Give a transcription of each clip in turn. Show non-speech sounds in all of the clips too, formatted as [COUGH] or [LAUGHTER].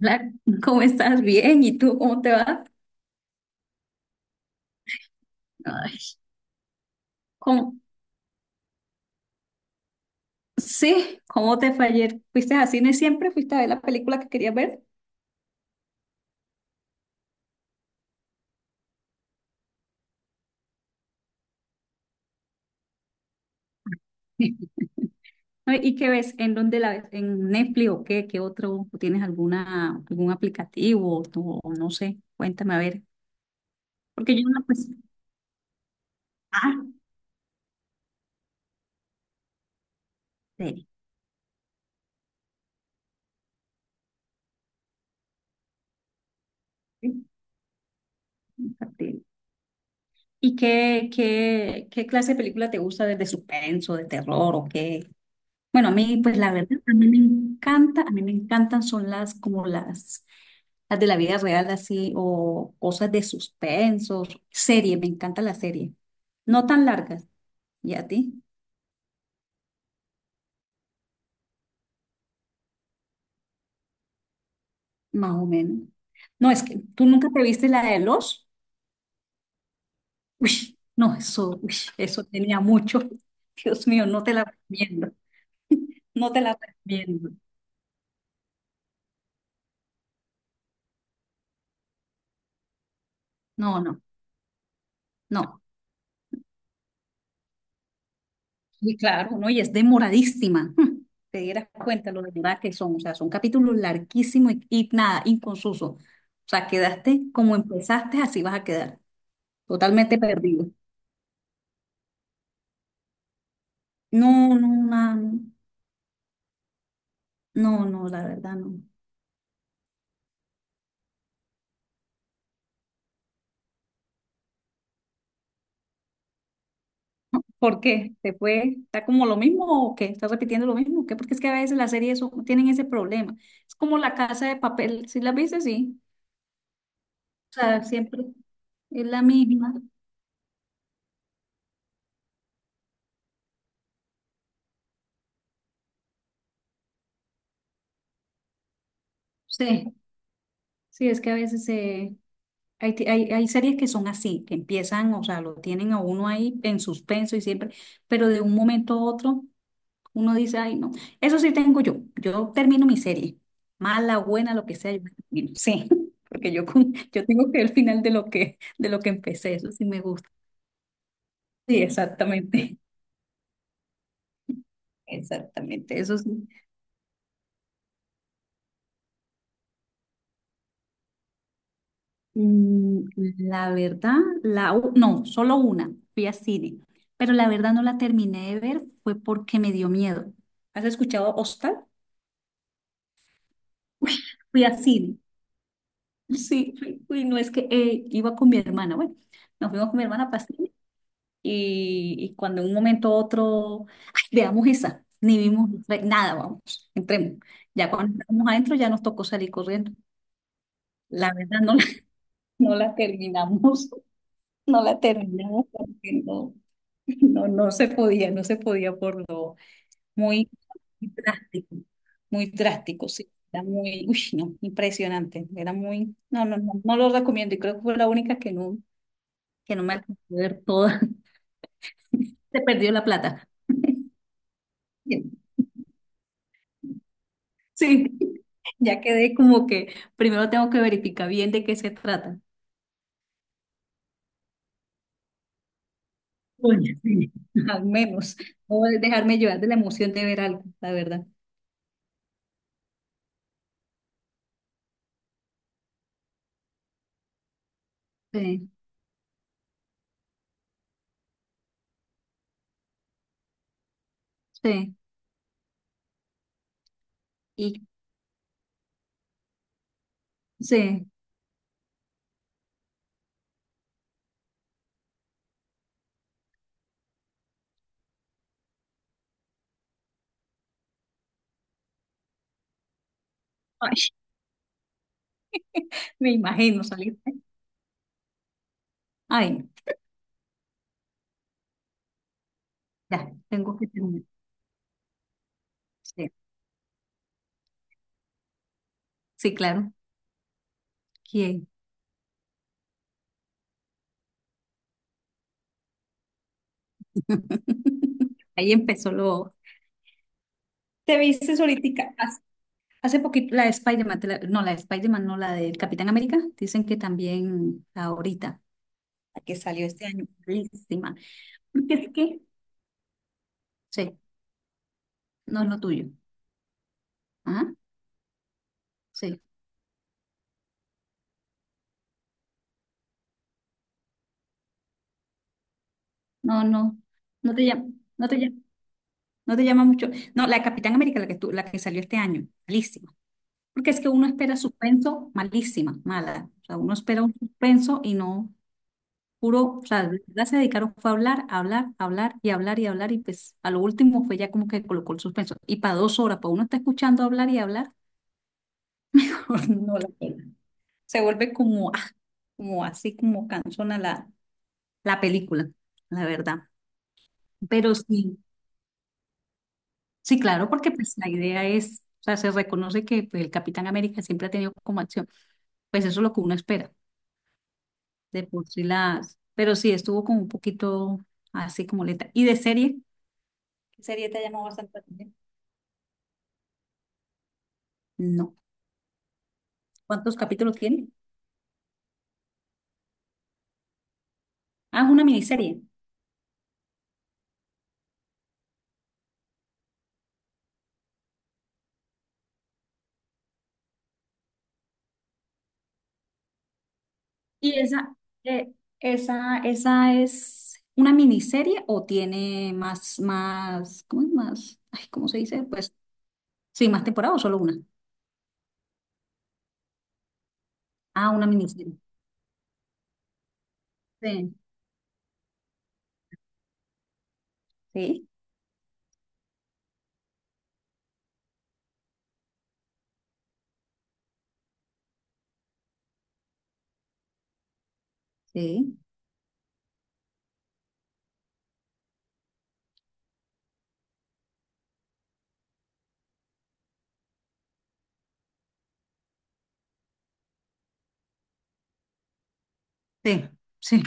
Hola, ¿cómo estás? Bien, ¿y tú cómo te vas? Ay, ¿cómo? Sí, ¿cómo te fue ayer? ¿Fuiste a cine siempre? ¿Fuiste a ver la película que querías ver? [LAUGHS] Ay, ¿y qué ves? ¿En dónde la ves? ¿En Netflix o qué? ¿Qué otro? ¿O tienes alguna, algún aplicativo? O no sé, cuéntame a ver. Porque yo no, pues, ah, sí, sí, sí. ¿Y qué clase de película te gusta? ¿De suspenso, de terror o qué? Bueno, a mí, pues la verdad, a mí me encanta, a mí me encantan son las como las de la vida real así o cosas de suspenso, serie, me encanta la serie. No tan largas, ¿y a ti? Más o menos. No, es que tú nunca te viste la de los. Uy, no, eso, uy, eso tenía mucho. [LAUGHS] Dios mío, no te la recomiendo. No te la recomiendo. No, no, no. Sí, claro, ¿no? Y es demoradísima. [LAUGHS] Te dieras cuenta lo demoradas que son. O sea, son capítulos larguísimos y nada, inconsusos. O sea, quedaste como empezaste, así vas a quedar. Totalmente perdido. No, no, na- no, no, la verdad no. ¿Por qué? ¿Te fue? ¿Está como lo mismo o qué? ¿Estás repitiendo lo mismo? ¿Qué? Porque es que a veces las series tienen ese problema. Es como la casa de papel. Si la viste, sí. O sea, siempre es la misma. Sí, sí, es que a veces se hay, hay series que son así, que empiezan, o sea, lo tienen a uno ahí en suspenso y siempre, pero de un momento a otro uno dice, ay, no, eso sí tengo yo, yo termino mi serie, mala, buena, lo que sea, yo la termino. Sí, [LAUGHS] porque yo tengo que el final de de lo que empecé, eso sí me gusta. Sí, exactamente, [LAUGHS] exactamente, eso sí. Mm, la verdad, no, solo una, fui a cine, pero la verdad no la terminé de ver, fue porque me dio miedo. ¿Has escuchado Hostal? Uy, fui a cine. Sí, fui, fui, no es que iba con mi hermana. Bueno, nos fuimos con mi hermana para cine y cuando en un momento u otro, "Ay, veamos esa, ni vimos otra, nada, vamos, entremos. Ya cuando estamos adentro ya nos tocó salir corriendo. La verdad no la, [LAUGHS] no la terminamos, no la terminamos porque no, no, no se podía, no se podía por lo Muy, drástico, muy drástico, sí. Era muy, uy, no, impresionante. Era muy, no, no, no, no lo recomiendo y creo que fue la única que no me alcanzó a ver toda. [LAUGHS] Se perdió la plata. Bien. Sí, [LAUGHS] ya quedé como que primero tengo que verificar bien de qué se trata. Oye, sí. Al menos, o dejarme llevar de la emoción de ver algo, la verdad. Sí, sí, y sí. Ay, [LAUGHS] me imagino salir. ¿Eh? Ay, ya, tengo que terminar. Sí. Sí, claro. ¿Quién? [LAUGHS] Ahí empezó lo... ¿Te viste ahorita? Hace poquito la de Spider-Man, no, la de Spider-Man, no, la del Capitán América. Dicen que también ahorita, la que salió este año, buenísima. Porque es que, sí, no es lo tuyo. Ajá, sí. No, no te llama, no te llama, no te llama mucho. No, la de Capitán América, la que salió este año, malísima. Porque es que uno espera suspenso, malísima, mala. O sea, uno espera un suspenso y no. Puro, o sea, de verdad se dedicaron fue a hablar, a hablar, a hablar y hablar y hablar y pues a lo último fue ya como que colocó el suspenso. Y para dos horas, para uno está escuchando hablar y hablar, [LAUGHS] no la pela. Se vuelve como, ah, como así como cansona la, la película, la verdad. Pero sí, sí, claro, porque pues la idea es, o sea, se reconoce que pues el Capitán América siempre ha tenido como acción, pues eso es lo que uno espera, de por sí las, pero sí, estuvo como un poquito así como lenta. ¿Y de serie? ¿Qué serie te ha llamado bastante la atención? ¿Cuántos capítulos tiene? Ah, es una miniserie. Y esa, eh, ¿esa, esa es una miniserie o tiene más, más, ¿cómo es más? Ay, ¿cómo se dice? Pues sí, más temporada o solo una. Ah, una miniserie. Sí, sí, sí, sí, sí.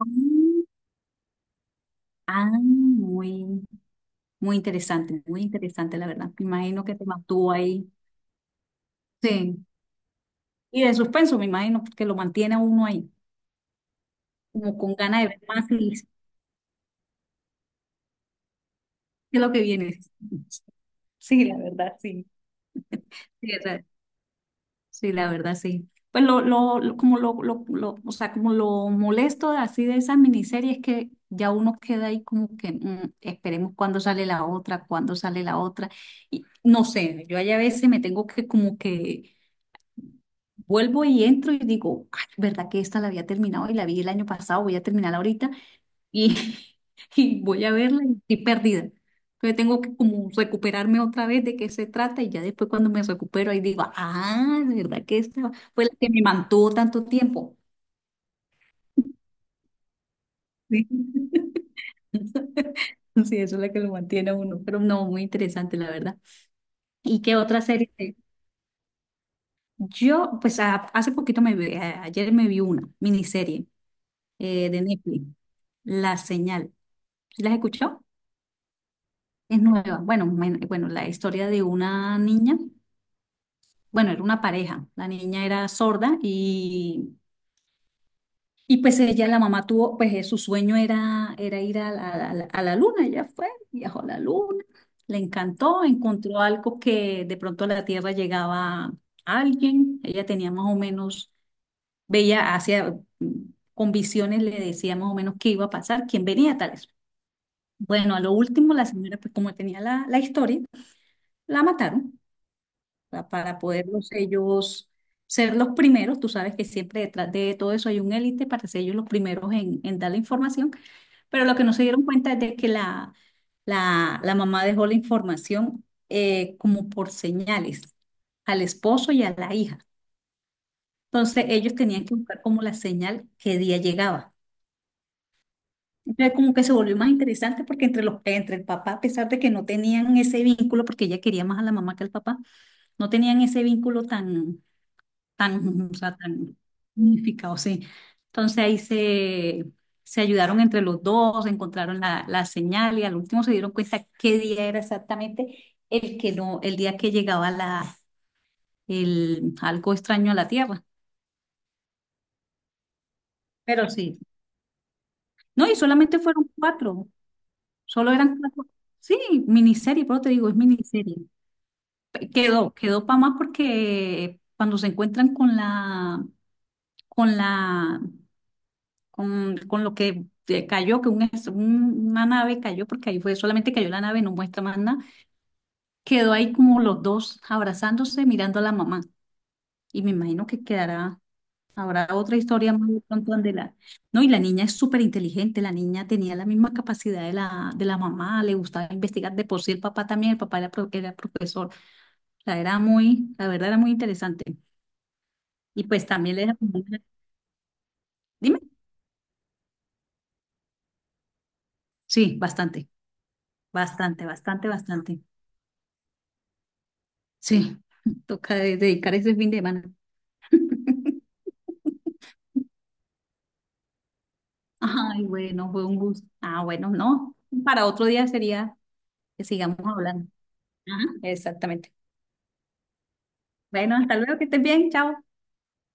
Mm, ah, muy, muy interesante, la verdad. Me imagino que te mantuvo ahí. Sí. Y de suspenso, me imagino, porque lo mantiene a uno ahí, como con ganas de ver más y qué es lo que viene. Sí, la verdad, sí. Sí, la sí, la verdad, sí. Pues como o sea, como lo molesto así de esas miniseries es que ya uno queda ahí como que mm, esperemos cuándo sale la otra, cuándo sale la otra. Y no sé, yo ahí a veces me tengo que como que vuelvo y entro y digo, ay, ¿verdad que esta la había terminado y la vi el año pasado, voy a terminarla ahorita? Y, [LAUGHS] y voy a verla y estoy perdida. Entonces tengo que como recuperarme otra vez de qué se trata y ya después cuando me recupero ahí digo, ah, de verdad que esta fue la que me mantuvo tanto tiempo. Sí, [LAUGHS] sí, eso es la que lo mantiene a uno, pero no, muy interesante la verdad. ¿Y qué otra serie? Yo, pues hace poquito me vi, ayer me vi una miniserie de Netflix, La Señal. ¿Sí? ¿Las escuchó? Es nueva. Bueno, bueno, la historia de una niña. Bueno, era una pareja, la niña era sorda y pues ella, la mamá tuvo, pues su sueño era, era ir a la, a la luna, ella fue, viajó a la luna, le encantó, encontró algo que de pronto a la Tierra llegaba alguien, ella tenía más o menos, veía hacia, mm, con visiones le decía más o menos qué iba a pasar, quién venía, tales. Bueno, a lo último la señora, pues como tenía la, la historia, la mataron. Sea, para poderlos ellos ser los primeros. Tú sabes que siempre detrás de todo eso hay un élite para ser ellos los primeros en dar la información, pero lo que no se dieron cuenta es de que la, la mamá dejó la información como por señales al esposo y a la hija. Entonces ellos tenían que buscar como la señal qué día llegaba. Entonces como que se volvió más interesante porque entre los, entre el papá, a pesar de que no tenían ese vínculo, porque ella quería más a la mamá que al papá, no tenían ese vínculo tan, tan, [LAUGHS] o sea, tan unificado, sí. Entonces ahí se, se ayudaron entre los dos, encontraron la, la señal y al último se dieron cuenta qué día era exactamente el que no, el día que llegaba la, el, algo extraño a la Tierra. Pero sí. No, y solamente fueron cuatro, solo eran cuatro. Sí, miniserie, pero te digo, es miniserie. Quedó, quedó para más porque cuando se encuentran con la, con la con lo que cayó, que un una nave cayó, porque ahí fue, solamente cayó la nave, no muestra más nada. Quedó ahí como los dos abrazándose, mirando a la mamá. Y me imagino que quedará, habrá otra historia más de pronto donde la... No, y la niña es súper inteligente, la niña tenía la misma capacidad de la mamá, le gustaba investigar, de por sí el papá también, el papá era, era profesor, la era muy, la verdad era muy interesante. Y pues también le... Dime, sí, bastante, bastante, bastante, bastante. Sí. Toca dedicar ese fin de semana. [LAUGHS] Ay, bueno, fue un gusto. Ah, bueno, no. Para otro día sería que sigamos hablando. Ajá. Exactamente. Bueno, hasta luego, que estés bien. Chao.